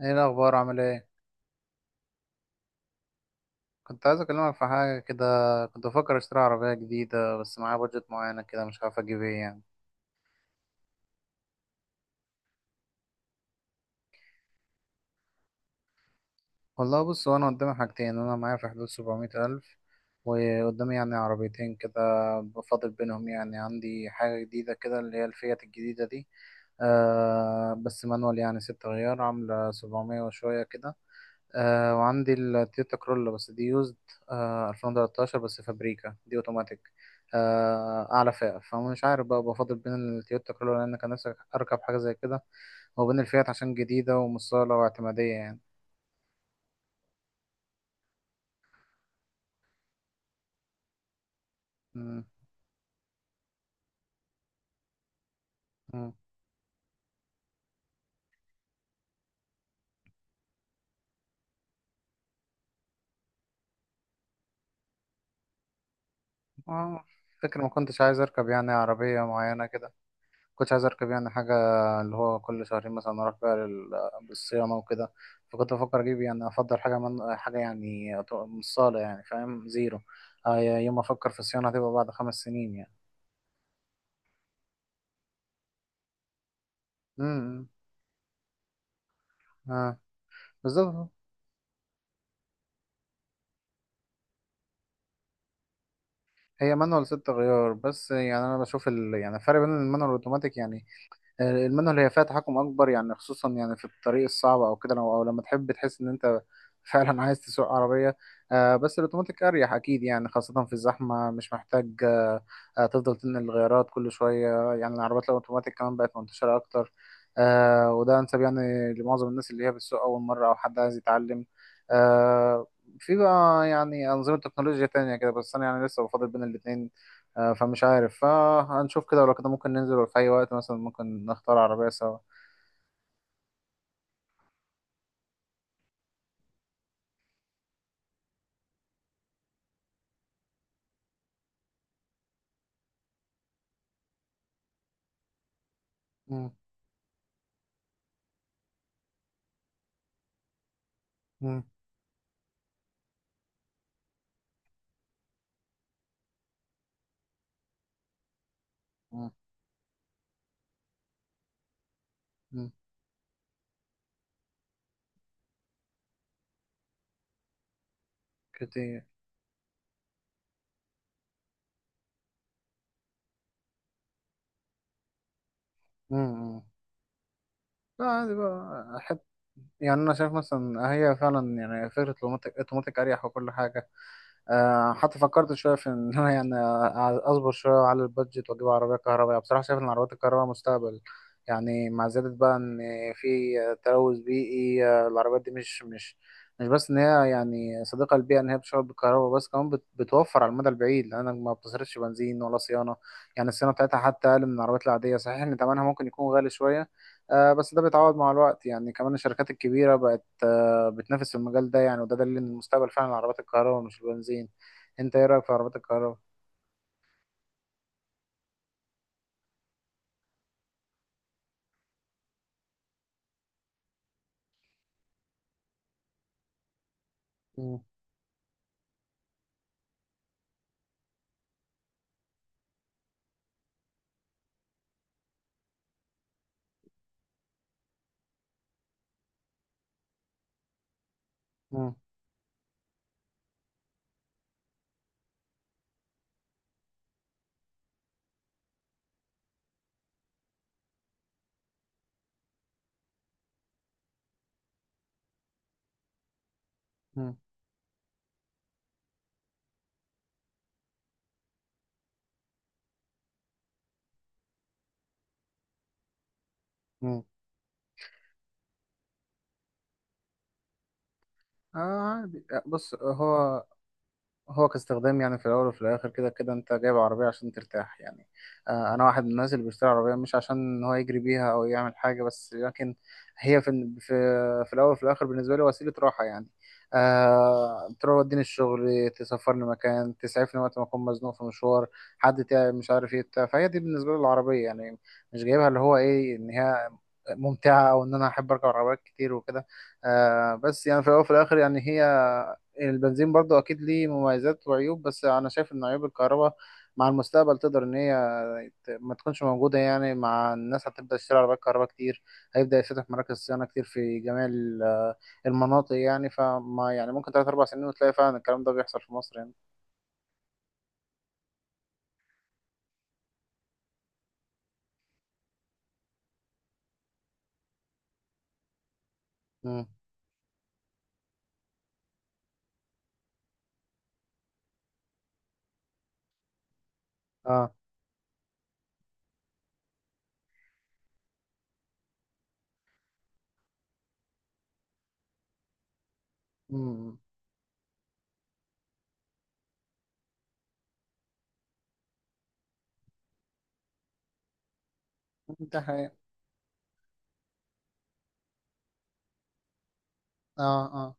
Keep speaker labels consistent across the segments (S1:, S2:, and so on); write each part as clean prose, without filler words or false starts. S1: ايه الاخبار عامل ايه؟ كنت عايز اكلمك في حاجه كده. كنت بفكر اشتري عربيه جديده، بس معايا بادجت معينه كده مش عارف اجيب ايه يعني. والله بص، هو انا قدامي حاجتين، انا معايا في حدود 700 الف وقدامي يعني عربيتين كده، بفاضل بينهم. يعني عندي حاجه جديده كده اللي هي الفيات الجديده دي، بس مانوال يعني 6 غيار عامله 700 وشويه كده. وعندي التويوتا كرولا بس دي يوزد، 2013، بس فابريكا دي اوتوماتيك، اعلى فئة. فمش عارف بقى بفضل بين التويوتا كرولا لان كان نفسي اركب حاجة زي كده، وبين الفيات عشان جديدة ومصالة واعتمادية يعني. مم. مم. آه، فكرة ما كنتش عايز اركب يعني عربية معينة كده، كنتش عايز اركب يعني حاجه اللي هو كل شهرين مثلا اروح بقى للصيانه وكده. فكنت بفكر اجيب يعني افضل حاجه من حاجه، يعني من الصاله، يعني فاهم زيرو. آه، يوم ما افكر في الصيانه هتبقى بعد 5 سنين يعني. امم. اه، بالظبط. هي مانوال 6 غيار، بس يعني انا بشوف يعني الفرق بين المانوال والاوتوماتيك يعني. المانوال هي فيها تحكم اكبر، يعني خصوصا يعني في الطريق الصعب او كده، أو لما تحب تحس ان انت فعلا عايز تسوق عربيه. آه، بس الاوتوماتيك اريح اكيد يعني، خاصه في الزحمه مش محتاج، تفضل تنقل الغيارات كل شويه. يعني العربيات الاوتوماتيك كمان بقت منتشره اكتر، آه، وده انسب يعني لمعظم الناس اللي هي بتسوق اول مره او حد عايز يتعلم. آه، في بقى يعني انظمه تكنولوجيا تانية كده، بس انا يعني لسه بفضل بين الاتنين. آه، فمش عارف، فهنشوف كده ولو كده ممكن ننزل في أي وقت مثلا، ممكن نختار عربية سوا. مم، مم، مم، مم، كتير. مم. مم. لا، عادي بقى أحب. يعني أنا شايف مثلا هي فعلا يعني فكرة الأوتوماتيك، أوتوماتيك أريح وكل حاجة. آه، حتى فكرت شويه في ان انا يعني اصبر شويه على البادجت واجيب عربيه كهربائيه. بصراحه شايف ان العربيات الكهربائيه مستقبل يعني، مع زياده بقى ان في تلوث بيئي. آه، العربيات دي مش بس ان هي يعني صديقه للبيئه، ان هي بتشتغل بالكهرباء، بس كمان بتوفر على المدى البعيد لانك ما بتصرفش بنزين ولا صيانه. يعني الصيانه بتاعتها حتى اقل من العربيات العاديه. صحيح ان ثمنها ممكن يكون غالي شويه، آه، بس ده بيتعوض مع الوقت. يعني كمان الشركات الكبيره بقت بتنافس في المجال ده يعني، وده دليل ان المستقبل فعلا عربات الكهرباء مش البنزين. انت ايه رايك في عربات الكهرباء؟ مم. مم. مم. مم. اه، عادي. بص، هو كاستخدام يعني في الاول وفي الاخر كده كده انت جايب عربيه عشان ترتاح يعني. آه، انا واحد من الناس اللي بيشتري عربيه مش عشان ان هو يجري بيها او يعمل حاجه، بس لكن هي في الاول وفي الاخر بالنسبه لي وسيله راحه يعني. أه، توديني الشغل، تسافرني مكان، تسعفني وقت ما اكون مزنوق في مشوار، حد تعب مش عارف ايه بتاع. فهي دي بالنسبه لي العربيه يعني، مش جايبها اللي هو ايه ان هي ممتعه، او ان انا احب اركب عربيات كتير وكده. أه، بس يعني في الاول وفي الاخر يعني هي البنزين برضو اكيد ليه مميزات وعيوب، بس انا شايف ان عيوب الكهرباء مع المستقبل تقدر ان هي ما تكونش موجودة. يعني مع الناس هتبدأ تشتري عربيات كهرباء كتير، هيبدأ يفتح مراكز صيانة كتير في جميع المناطق. يعني، فما يعني ممكن تلات أربع سنين وتلاقي فعلا الكلام ده بيحصل في مصر يعني. امم. اه. امم. ده حقيقي. اه.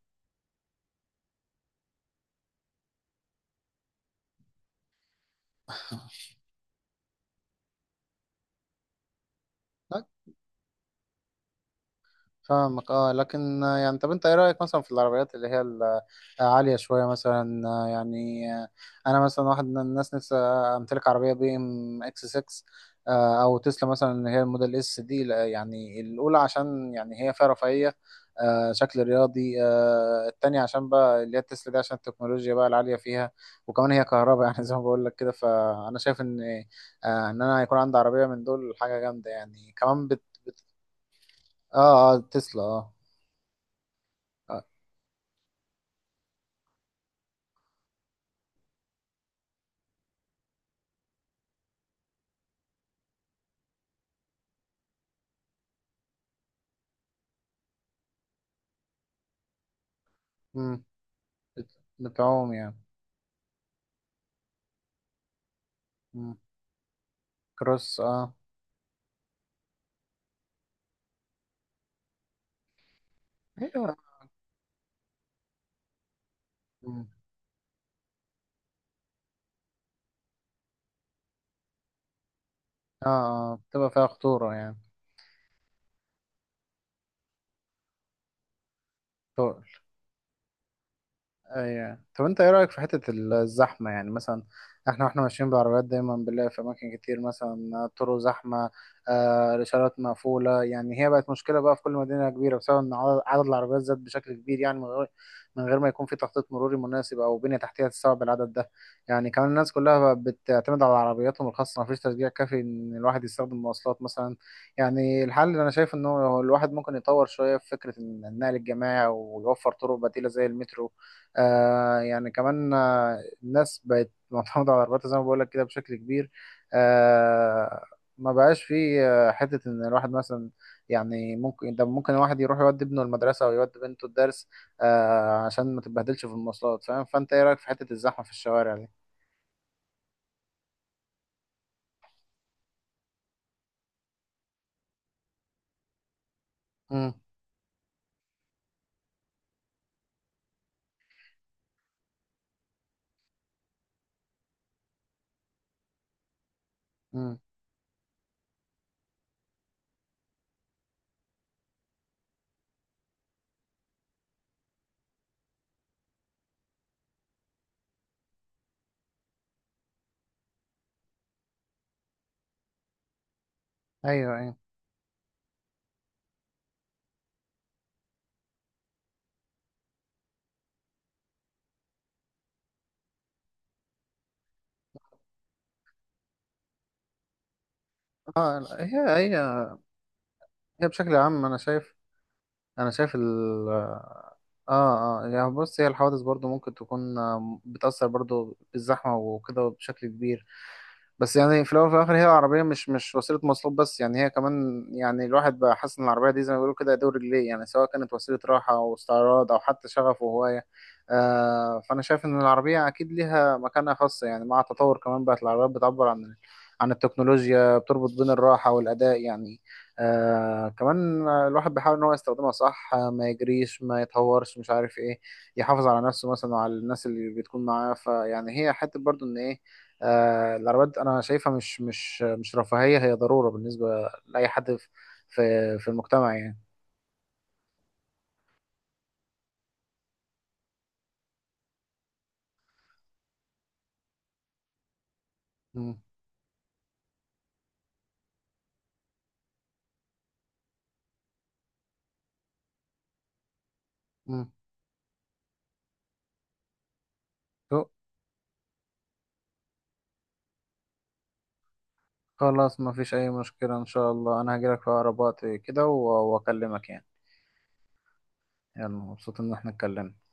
S1: اه، فاهمك. اه، لكن آه، يعني طب انت ايه رأيك مثلا في العربيات اللي هي العالية شوية مثلا؟ آه، يعني آه، انا مثلا واحد من الناس نفسي امتلك عربية بي ام اكس 6، آه، او تسلا مثلا اللي هي الموديل اس دي. لا، يعني الاولى عشان يعني هي فيها رفاهية، آه، شكل رياضي. آه، التانية عشان بقى اللي هي التسلا دي عشان التكنولوجيا بقى العالية فيها، وكمان هي كهرباء يعني زي ما بقول لك كده، فانا شايف ان آه، ان انا يكون عندي عربية من دول حاجة جامدة يعني، كمان بت بت اه. اه، تسلا. اه. آه. مم. بتعوم يعني. مم. كروس، اه. ايوه. مم. اه. اه، بتبقى فيها خطورة يعني. ايوه، طب انت ايه رايك في حته الزحمه يعني؟ مثلا احنا واحنا ماشيين بالعربيات دايما بنلاقي في اماكن كتير مثلا طرق زحمه، آه، الاشارات مقفوله. يعني هي بقت مشكله بقى في كل مدينه كبيره، بسبب ان عدد العربيات زاد بشكل كبير، يعني من غير ما يكون في تخطيط مروري مناسب او بنيه تحتيه تستوعب العدد ده. يعني كمان الناس كلها بقت بتعتمد على عربياتهم الخاصه، مفيش تشجيع كافي ان الواحد يستخدم مواصلات مثلا. يعني الحل اللي انا شايف انه الواحد ممكن يطور شويه في فكره النقل الجماعي ويوفر طرق بديله زي المترو. آه، يعني كمان آه، الناس بقت معتمدة على العربيات زي ما بقولك كده بشكل كبير. آه، ما بقاش في آه، حتة إن الواحد مثلا، يعني ممكن ده ممكن الواحد يروح يودي ابنه المدرسة أو يودي بنته الدرس، آه، عشان ما تتبهدلش في المواصلات فاهم. فأنت إيه رأيك في حتة الزحمة في الشوارع دي؟ مم. مم. أيوه، أيوه. آه، لا، هي بشكل عام أنا شايف، أنا شايف اه، اه، يعني بص، هي الحوادث برضو ممكن تكون آه، بتأثر برضو بالزحمة وكده بشكل كبير. بس يعني في الاول وفي الاخر هي عربيه مش وسيله مواصلات بس، يعني هي كمان يعني الواحد بقى حاسس ان العربيه دي زي ما بيقولوا كده دور رجليه، يعني سواء كانت وسيله راحه او استعراض او حتى شغف وهوايه. آه، فانا شايف ان العربيه اكيد ليها مكانة خاصه، يعني مع التطور كمان بقت العربيات بتعبر عن التكنولوجيا، بتربط بين الراحه والاداء يعني. آه، كمان الواحد بيحاول ان هو يستخدمها صح، آه، ما يجريش ما يتهورش مش عارف ايه، يحافظ على نفسه مثلا وعلى الناس اللي بتكون معاه. فيعني هي حته برضو ان ايه آه، العربيات انا شايفها مش رفاهية، هي ضرورة بالنسبة لأي حد في في المجتمع يعني. مم. مم. تو- خلاص ما فيش اي مشكلة. ان شاء الله انا هجيلك في اقرب وقت كده واكلمك يعني. يلا، مبسوط ان احنا اتكلمنا.